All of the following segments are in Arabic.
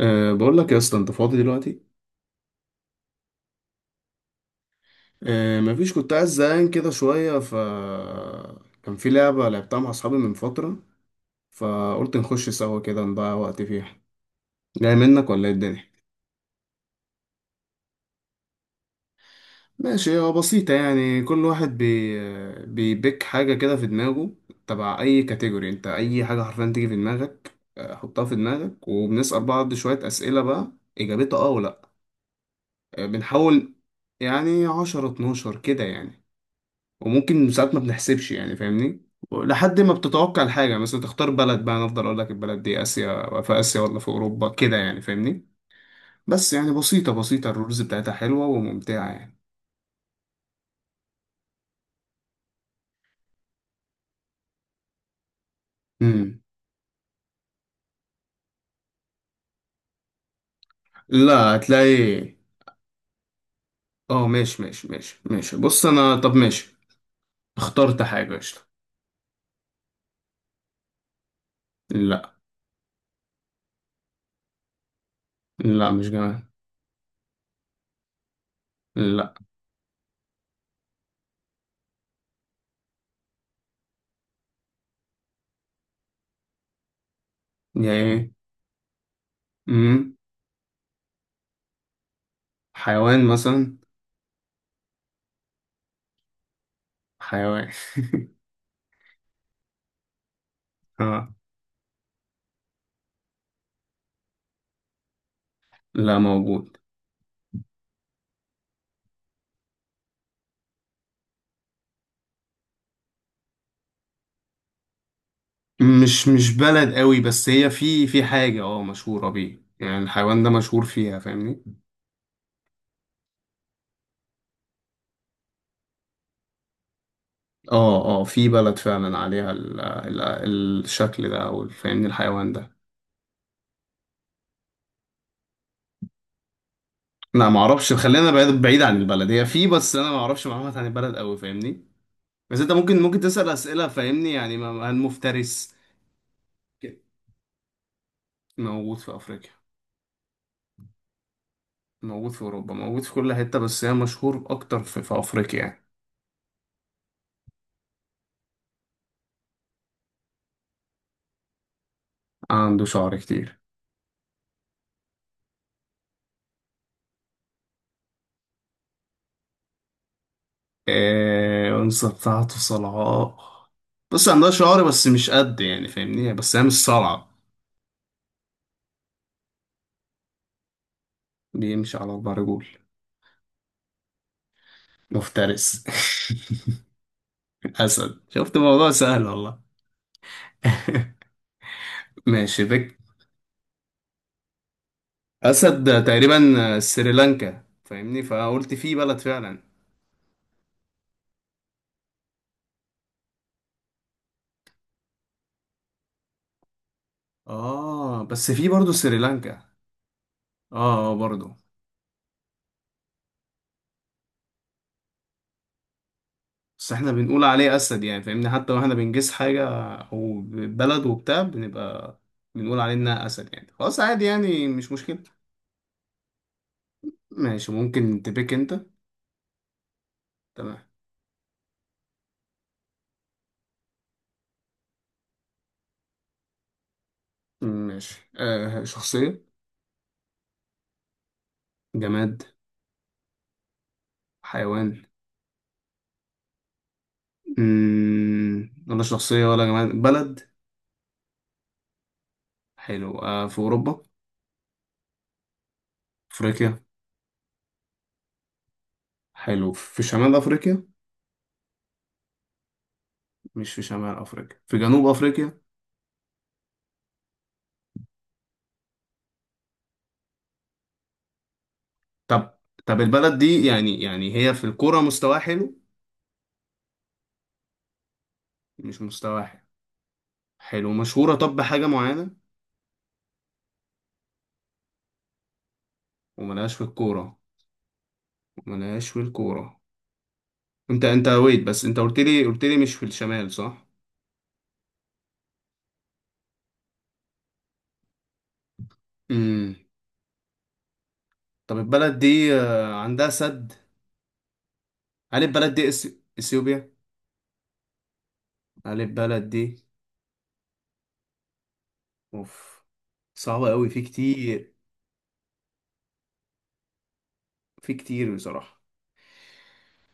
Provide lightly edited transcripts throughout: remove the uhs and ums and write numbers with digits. بقول لك يا اسطى، انت فاضي دلوقتي؟ مفيش، كنت عايز زهقان كده شويه كان في لعبه لعبتها مع اصحابي من فتره، فقلت نخش سوا كده نضيع وقت فيها. جاي منك ولا ايه الدنيا؟ ماشي، هو بسيطه يعني. كل واحد بيبيك حاجه كده في دماغه، تبع اي كاتيجوري. انت اي حاجه حرفيا تيجي في دماغك، حطها في دماغك، وبنسال بعض شويه اسئله بقى، اجابتها اه ولا لأ. بنحاول يعني 10 12 كده يعني. وممكن ساعات ما بنحسبش يعني، فاهمني، لحد ما بتتوقع الحاجة. مثلا تختار بلد بقى، أنا أفضل أقول لك البلد دي آسيا، في آسيا ولا في أوروبا كده يعني، فاهمني. بس يعني، بسيطة بسيطة الرولز بتاعتها حلوة وممتعة يعني. امم. لا، هتلاقي. اه، ماشي ماشي ماشي ماشي. بص، أنا، طب ماشي. اخترت حاجة، قشطة. لا. لا، مش جمال. لا. يا إيه. امم. حيوان مثلا. حيوان. اه. لا، موجود. مش بلد قوي، بس هي في حاجة مشهورة بيه، يعني الحيوان ده مشهور فيها، فاهمني. اه اه، في بلد فعلا عليها ال ال الشكل ده، او فاهمني، الحيوان ده. لا، ما اعرفش. خلينا بعيد بعيد عن البلد، هي في، بس انا ما اعرفش معلومات عن البلد قوي، فاهمني. بس انت ممكن تسأل أسئلة، فاهمني يعني، ما المفترس. كده. موجود في افريقيا. موجود في اوروبا، موجود في كل حتة، بس هي مشهور اكتر في افريقيا يعني. عنده شعر كتير. أنثى بتاعته صلعاء. بص، عندها شعر بس مش قد، يعني فاهمني، بس هي مش صلعة. بيمشي على أربع رجول. مفترس. أسد، شفت الموضوع سهل والله. ماشي بك. أسد ده تقريبا سريلانكا، فاهمني، فقلت في بلد فعلا. آه، بس في برضه سريلانكا. آه آه، برضه. بس احنا بنقول عليه اسد، يعني فاهمني، حتى واحنا بنجس حاجه او بلد وبتاع، بنبقى بنقول عليه انها اسد، يعني خلاص عادي يعني، مش مشكله. ماشي، ممكن تبيك انت. تمام. ماشي، شخصيه؟ جماد؟ حيوان؟ مم. ولا شخصيه ولا جماد، بلد. حلو، في اوروبا؟ افريقيا؟ حلو، في شمال افريقيا؟ مش في شمال افريقيا، في جنوب افريقيا. طب طب البلد دي يعني، هي في الكوره مستواها حلو؟ مش مستواها حلو. حلو، مشهورة طب بحاجة معينة؟ وملهاش في الكورة. وملهاش في الكورة. انت ويت، بس انت قلت لي مش في الشمال، صح؟ امم. طب البلد دي، عندها سد؟ هل البلد دي اثيوبيا؟ هل البلد دي؟ اوف، صعبة قوي، في كتير. في كتير بصراحة.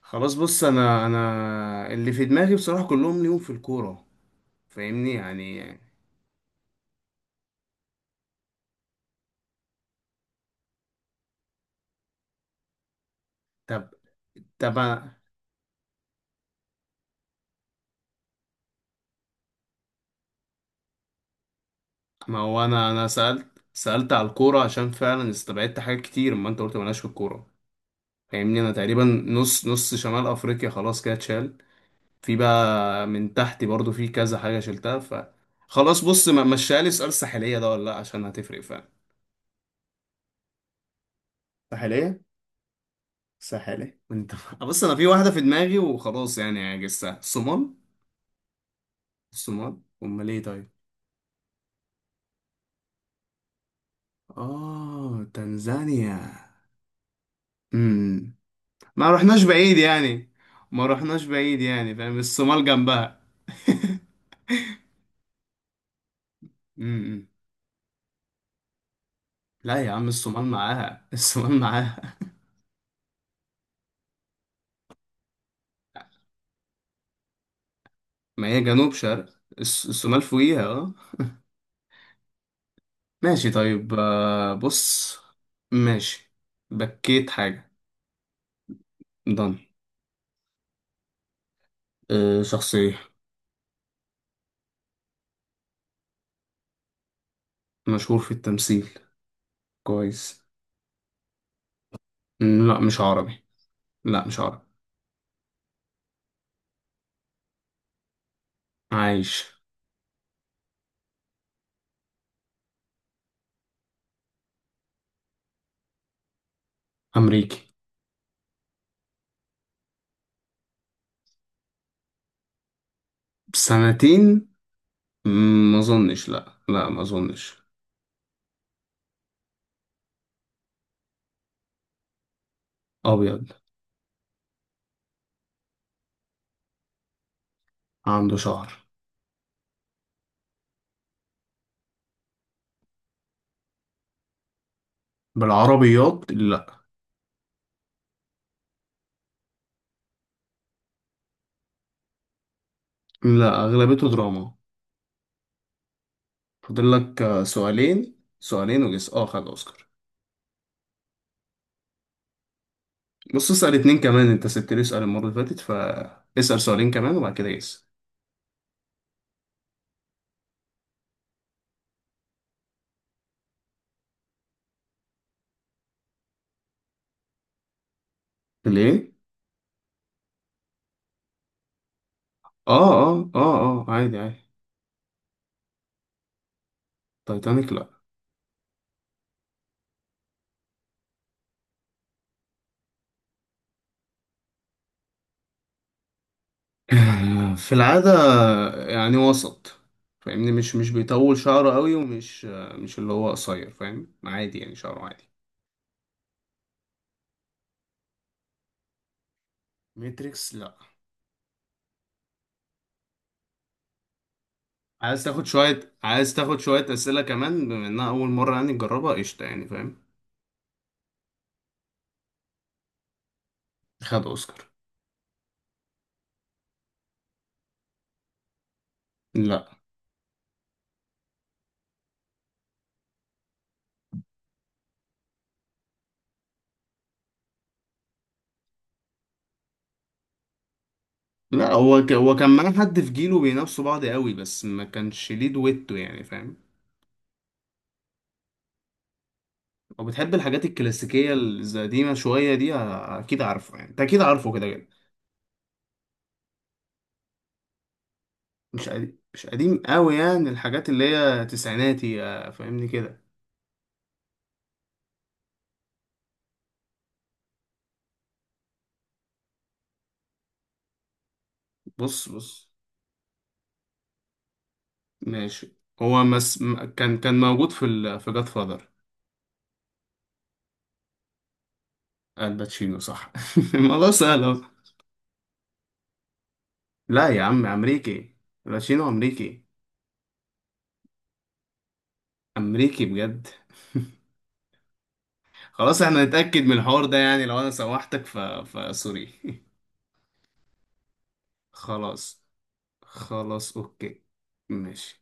خلاص بص، انا اللي في دماغي، بصراحة كلهم ليهم في الكورة، فاهمني يعني. طب. طب، ما هو انا، سألت على الكورة، عشان فعلا استبعدت حاجات كتير، ما انت قلت مالهاش في الكورة، فاهمني. انا تقريبا نص نص شمال افريقيا خلاص كده اتشال. في بقى من تحت برضو في كذا حاجة شلتها خلاص بص، ما مشيها لي، سؤال ساحلية ده ولا لا؟ عشان هتفرق فعلا. ساحلية. ساحلية انت. بص، انا في واحدة في دماغي وخلاص، يعني عجزتها الصومال. الصومال امال ايه؟ طيب. اه، تنزانيا. امم. ما رحناش بعيد يعني. ما رحناش بعيد يعني، فاهم، الصومال جنبها. امم. لا يا عم، الصومال معاها، الصومال معاها. ما هي جنوب شرق. الصومال فوقيها، اه. ماشي طيب، بص. ماشي. بكيت حاجة. ضن. شخصية. مشهور في التمثيل. كويس. مم، لا مش عربي. لا، مش عربي. عايش. أمريكي. سنتين. مم، ما أظنش، لا لا، ما أظنش. أبيض. عنده شعر. بالعربيات، لا. لا، اغلبيته دراما. فاضل لك سؤالين سؤالين، وجس. اه خد اوسكار. بص، اسال اتنين كمان، انت سبت لي سؤال المره اللي فاتت، فاسال سؤالين كمان، وبعد كده جس. ليه؟ اه اه اه اه، عادي عادي. تايتانيك، لا. في العاده، يعني وسط، فاهمني. مش بيطول شعره قوي، ومش آه، مش اللي هو قصير، فاهم، عادي يعني، شعره عادي. ماتريكس، لا. عايز تاخد شوية أسئلة كمان، بما إنها أول مرة يعني تجربها، قشطة يعني، فاهم. خد اوسكار. لا. لا، هو كان معاه حد في جيله بينافسوا بعض قوي، بس ما كانش ليه دويتو، يعني فاهم. لو بتحب الحاجات الكلاسيكيه القديمه شويه دي، اكيد عارفه يعني، انت اكيد عارفه كده كده. مش قديم قوي، يعني الحاجات اللي هي تسعيناتي، فاهمني كده. بص بص، ماشي. هو مس... م- كان كان موجود في جاد فادر. الباتشينو صح، الموضوع سهل أهو. لا يا عم، امريكي. الباتشينو امريكي. امريكي بجد. خلاص، احنا نتأكد من الحوار ده يعني، لو انا سوحتك فسوري. خلاص. خلاص، اوكي. ماشي.